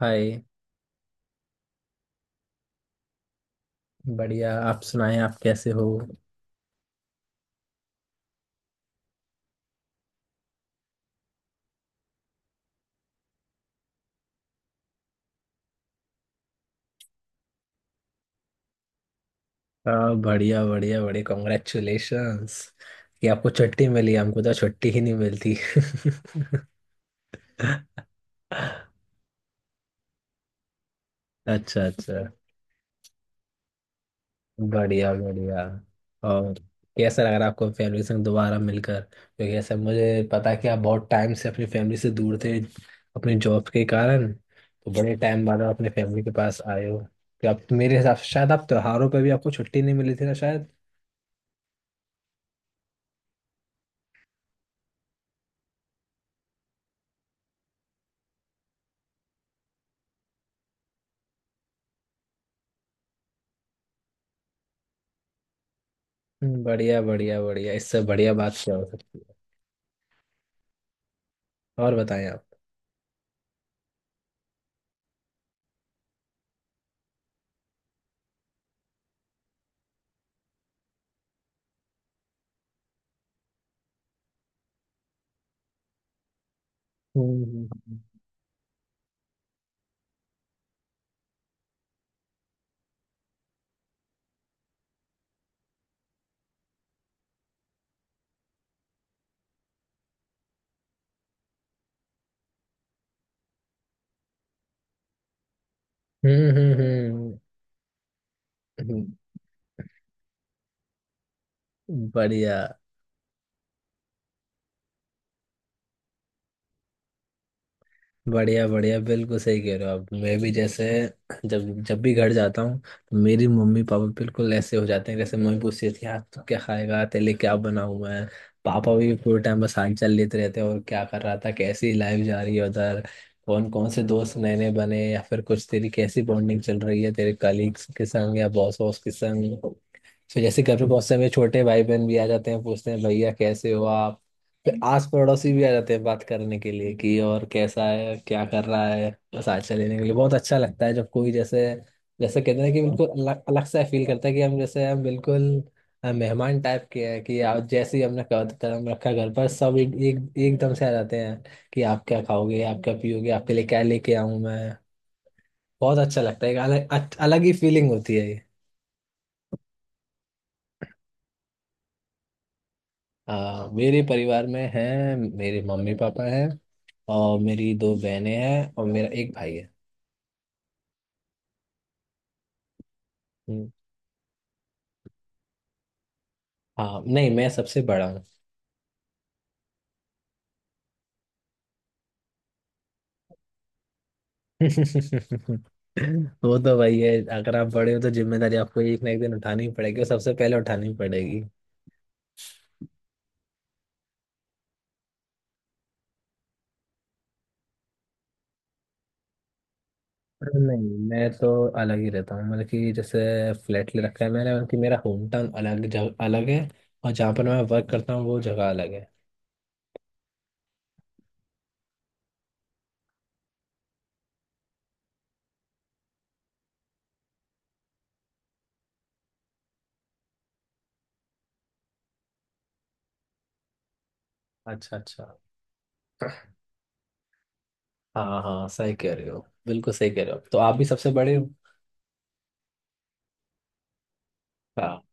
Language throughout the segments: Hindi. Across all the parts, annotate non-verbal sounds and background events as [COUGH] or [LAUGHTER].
हाय। बढ़िया, आप सुनाएं, आप कैसे हो। हाँ, बढ़िया बढ़िया बढ़िया, कॉन्ग्रेचुलेशंस कि आपको छुट्टी मिली, हमको तो छुट्टी ही नहीं मिलती [LAUGHS] अच्छा अच्छा, बढ़िया बढ़िया। और कैसा लग रहा है आपको फैमिली से दोबारा मिलकर, क्योंकि ऐसा मुझे पता है कि आप बहुत टाइम से अपनी फैमिली से दूर थे अपने जॉब के कारण। तो बड़े टाइम बाद आप अपने फैमिली के पास आए हो। तो आप, मेरे हिसाब से शायद आप त्योहारों पर भी आपको छुट्टी नहीं मिली थी ना। बढ़िया बढ़िया बढ़िया, इससे बढ़िया बात क्या हो सकती है। और बताएं आप। हम्म हम्म हम्म हम्म, हम्म, बढ़िया बढ़िया बढ़िया, बिल्कुल सही कह रहे हो आप। मैं भी जैसे जब जब भी घर जाता हूँ तो मेरी मम्मी पापा बिल्कुल ऐसे हो जाते हैं, जैसे मम्मी पूछती थी आज तू क्या खाएगा, तेरे लिए क्या बनाऊँ मैं। पापा भी पूरे टाइम बस हाल चाल लेते रहते हैं, और क्या कर रहा था, कैसी लाइफ जा रही है उधर, कौन कौन से दोस्त नए नए बने, या फिर कुछ तेरी कैसी बॉन्डिंग चल रही है तेरे कलीग्स के संग या बॉस वॉस के संग। तो जैसे घर पे बहुत से हमें छोटे भाई बहन भी आ जाते हैं, पूछते हैं भैया कैसे हो आप। फिर आस पड़ोसी भी आ जाते हैं बात करने के लिए कि और कैसा है, क्या कर रहा है। बस आज लेने के लिए बहुत अच्छा लगता है जब कोई जैसे, जैसे कहते हैं कि बिल्कुल अलग अलग सा फील करता है कि हम जैसे हम बिल्कुल मेहमान टाइप के हैं कि आप जैसे ही हमने कदम रखा घर पर, सब एक एकदम से आ जाते हैं कि आप क्या खाओगे, आप क्या पियोगे, आपके लिए क्या लेके आऊं मैं। बहुत अच्छा लगता है, एक अलग अलग ही फीलिंग होती है। मेरे परिवार में हैं, मेरे मम्मी पापा हैं, और मेरी दो बहनें हैं और मेरा एक भाई है। हम्म, हाँ नहीं, मैं सबसे बड़ा हूँ। [LAUGHS] वो तो भाई है, अगर आप बड़े हो तो जिम्मेदारी आपको एक ना एक दिन उठानी ही पड़ेगी और सबसे पहले उठानी पड़ेगी। अरे नहीं, मैं तो अलग ही रहता हूँ, मतलब कि जैसे फ्लैट ले रखा है मैंने। मतलब कि मेरा होम टाउन अलग जगह अलग है, और जहाँ पर मैं वर्क करता हूँ वो जगह अलग है। अच्छा अच्छा, हाँ हाँ, सही कह रहे हो, बिल्कुल सही कह रहे हो, तो आप भी सबसे बड़े हो। हाँ।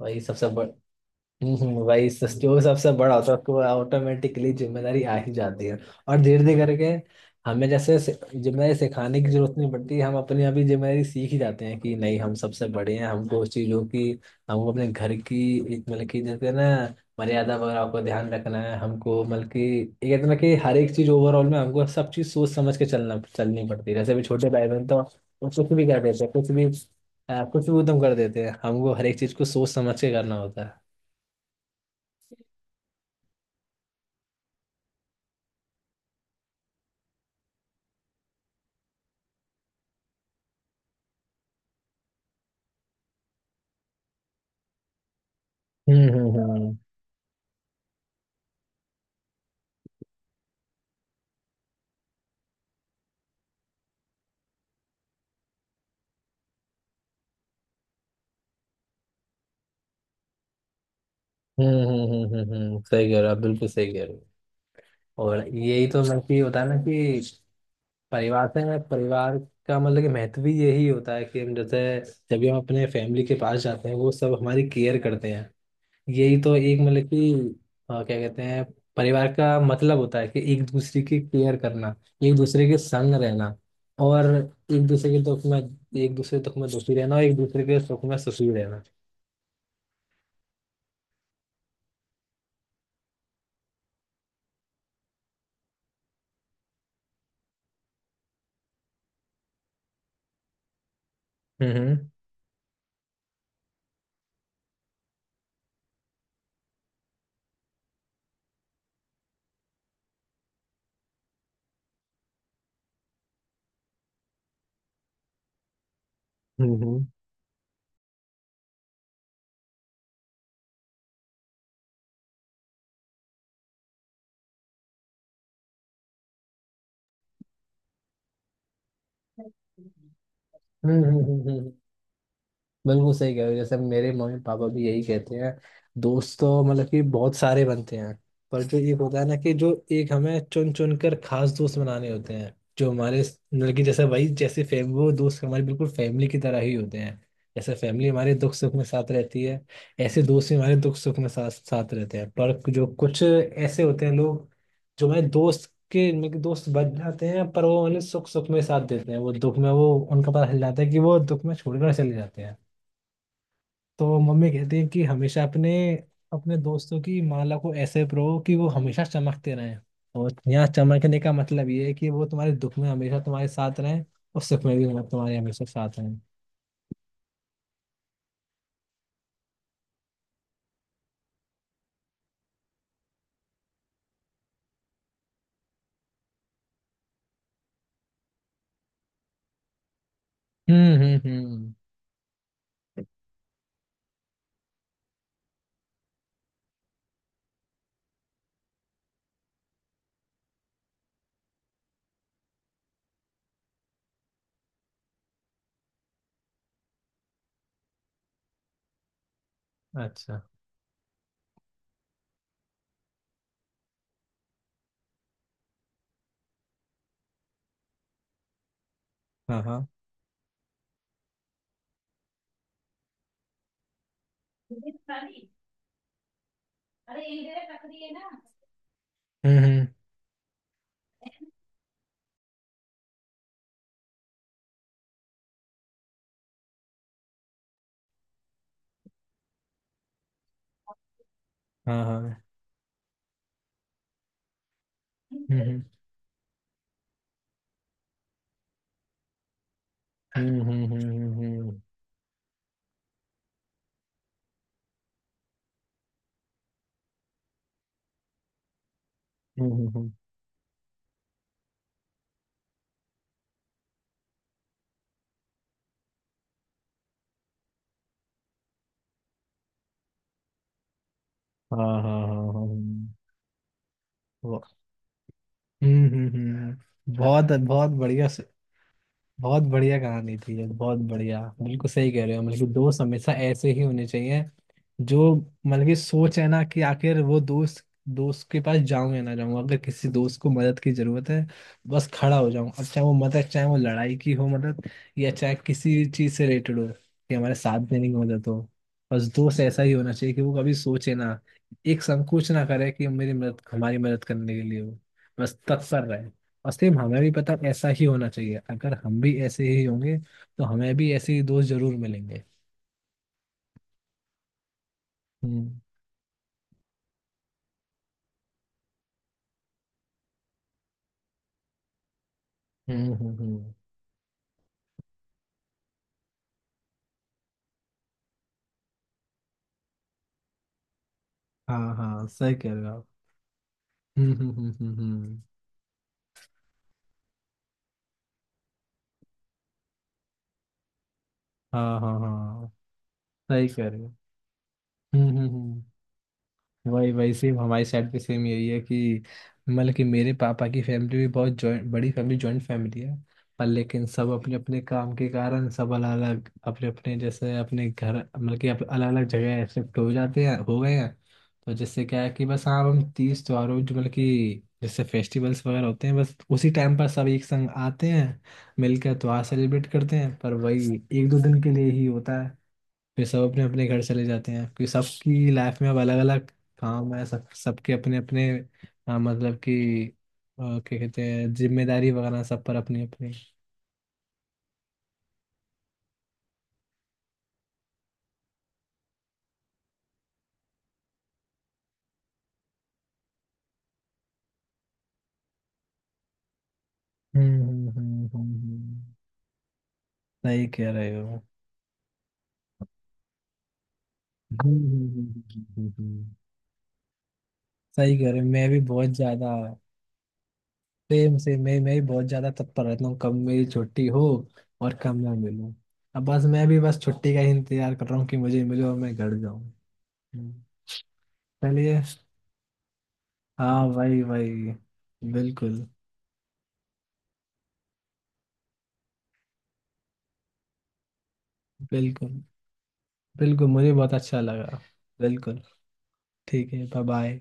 वही सबसे। हम्म, वही जो सबसे बड़ा होता है उसको ऑटोमेटिकली जिम्मेदारी आ ही जाती है। और धीरे धीरे करके हमें जैसे जिम्मेदारी सिखाने की जरूरत नहीं पड़ती, हम अपनी आप ही जिम्मेदारी सीख ही जाते हैं कि नहीं हम सबसे बड़े हैं, हमको उस चीज़ों की, हमको अपने घर की एक, मतलब कि जैसे ना मर्यादा वगैरह को ध्यान रखना है। हमको मतलब कि ये कहते हैं ना कि हर एक चीज़ ओवरऑल में हमको सब चीज़ सोच समझ के चलना चलनी पड़ती है। जैसे अभी छोटे भाई बहन तो वो कुछ भी कर देते हैं, कुछ भी कुछ भी उद्यम कर देते हैं, हमको हर एक चीज़ को सोच समझ के करना होता है। हम्म हम्म हम्म सही कह रहे हो आप, बिल्कुल सही कह रहे हो। और यही तो मतलब कि होता है ना कि परिवार से ना, परिवार का मतलब कि महत्व भी यही होता है कि हम जैसे जब भी हम अपने फैमिली के पास जाते हैं वो सब हमारी केयर करते हैं। यही तो एक मतलब कि क्या कहते हैं, परिवार का मतलब होता है कि एक दूसरे की केयर करना, एक दूसरे के संग रहना, और एक दूसरे के दुख में, एक दूसरे दुख में दुखी रहना और एक दूसरे के सुख में सुखी रहना। हम्म हम्म हम्म हम्म। हम्म हम्म हम्म हम्म, हम्म। बिल्कुल सही कह रहे हो, जैसे मेरे मम्मी पापा भी यही कहते हैं, दोस्त तो मतलब कि बहुत सारे बनते हैं, पर जो एक होता है ना कि जो एक हमें चुन चुन कर खास दोस्त बनाने होते हैं जो हमारे मतलब कि जैसे वही जैसे फैम, वो दोस्त हमारे बिल्कुल फैमिली की तरह ही होते हैं। जैसे फैमिली हमारे दुख सुख में साथ रहती है, ऐसे दोस्त भी हमारे दुख सुख में साथ साथ रहते हैं। पर जो कुछ ऐसे होते हैं लोग जो हमारे दोस्त के मतलब कि दोस्त बन जाते हैं पर वो मतलब सुख सुख में साथ देते हैं, वो दुख में, वो उनका पता चल जाता है कि वो दुख में छोड़कर चले जाते हैं। तो मम्मी कहती है कि हमेशा अपने अपने दोस्तों की माला को ऐसे परो कि वो हमेशा चमकते रहें। और यहाँ चमकने का मतलब ये है कि वो तुम्हारे दुख में हमेशा तुम्हारे साथ रहें और सुख में भी तुम्हारे हमेशा साथ रहें। हम्म। अच्छा, हाँ हाँ, हम्म, हाँ हाँ, हम्म हम्म हम्म हम्म हम्म हम्म हम्म, हम्म, हाँ हाँ हाँ हाँ, हम्म। वो- हम्म, बहुत बहुत बढ़िया। बहुत बढ़िया कहानी थी ये, बहुत बढ़िया, बिल्कुल सही कह रहे हो, मतलब कि दोस्त हमेशा ऐसे ही होने चाहिए जो मतलब कि सोच है ना कि आखिर वो दोस्त, दोस्त के पास जाऊं या ना जाऊं, अगर किसी दोस्त को मदद की जरूरत है बस खड़ा हो जाऊं, अब चाहे वो मदद चाहे वो लड़ाई की हो मदद, या चाहे किसी चीज से रिलेटेड हो, कि हमारे साथ देने की मदद हो। बस दोस्त ऐसा ही होना चाहिए कि वो कभी सोचे ना, एक संकोच ना करे कि मेरी मदद, हमारी मदद करने के लिए हो, बस तत्पर रहे। और सेम हमें भी पता ऐसा ही होना चाहिए, अगर हम भी ऐसे ही होंगे तो हमें भी ऐसे ही दोस्त जरूर मिलेंगे। हम्म हम्म हम्म हम्म। हाँ हाँ, सही कह रहे हो आप। हम्म हम्म हम्म हम्म हम्म। हाँ हाँ हाँ, सही कह रहे हो। हम्म, वही वही सेम, हमारी साइड पे सेम यही है कि मतलब कि मेरे पापा की फैमिली भी बहुत जॉइंट, बड़ी फैमिली, जॉइंट फैमिली है। पर लेकिन सब अपने अपने काम के कारण सब अलग अलग अपने अपने जैसे अपने घर, मतलब कि अलग अलग जगह शिफ्ट हो जाते हैं, हो गए हैं। तो जिससे क्या है कि बस हाँ, हम तीज त्योहारों जो मतलब कि जैसे फेस्टिवल्स वगैरह होते हैं बस उसी टाइम पर सब एक संग आते हैं, मिलकर त्योहार सेलिब्रेट करते हैं। पर वही एक दो दिन के लिए ही होता है, फिर सब अपने अपने घर चले जाते हैं क्योंकि सबकी लाइफ में अब अलग अलग काम है, सब सबके अपने अपने मतलब कि क्या कहते हैं, जिम्मेदारी वगैरह सब पर अपनी अपनी। हम्म हम्म हम्म हम्म, हम्म। सही कह रहे हो। हम्म, हम्म, हम्म, हम्म, हम्म। सही कह रहे हो, मैं भी बहुत ज्यादा, सेम से मैं भी बहुत ज्यादा तत्पर रहता हूँ कब मेरी छुट्टी हो और कब मैं मिलूँ। अब बस मैं भी बस छुट्टी का ही इंतजार कर रहा हूँ कि मुझे मिलो और मैं घर जाऊँ। हम्म। चलिए, हाँ भाई भाई। बिल्कुल। बिल्कुल। बिल्कुल, मुझे बहुत अच्छा लगा। बिल्कुल, ठीक है, बाय बाय।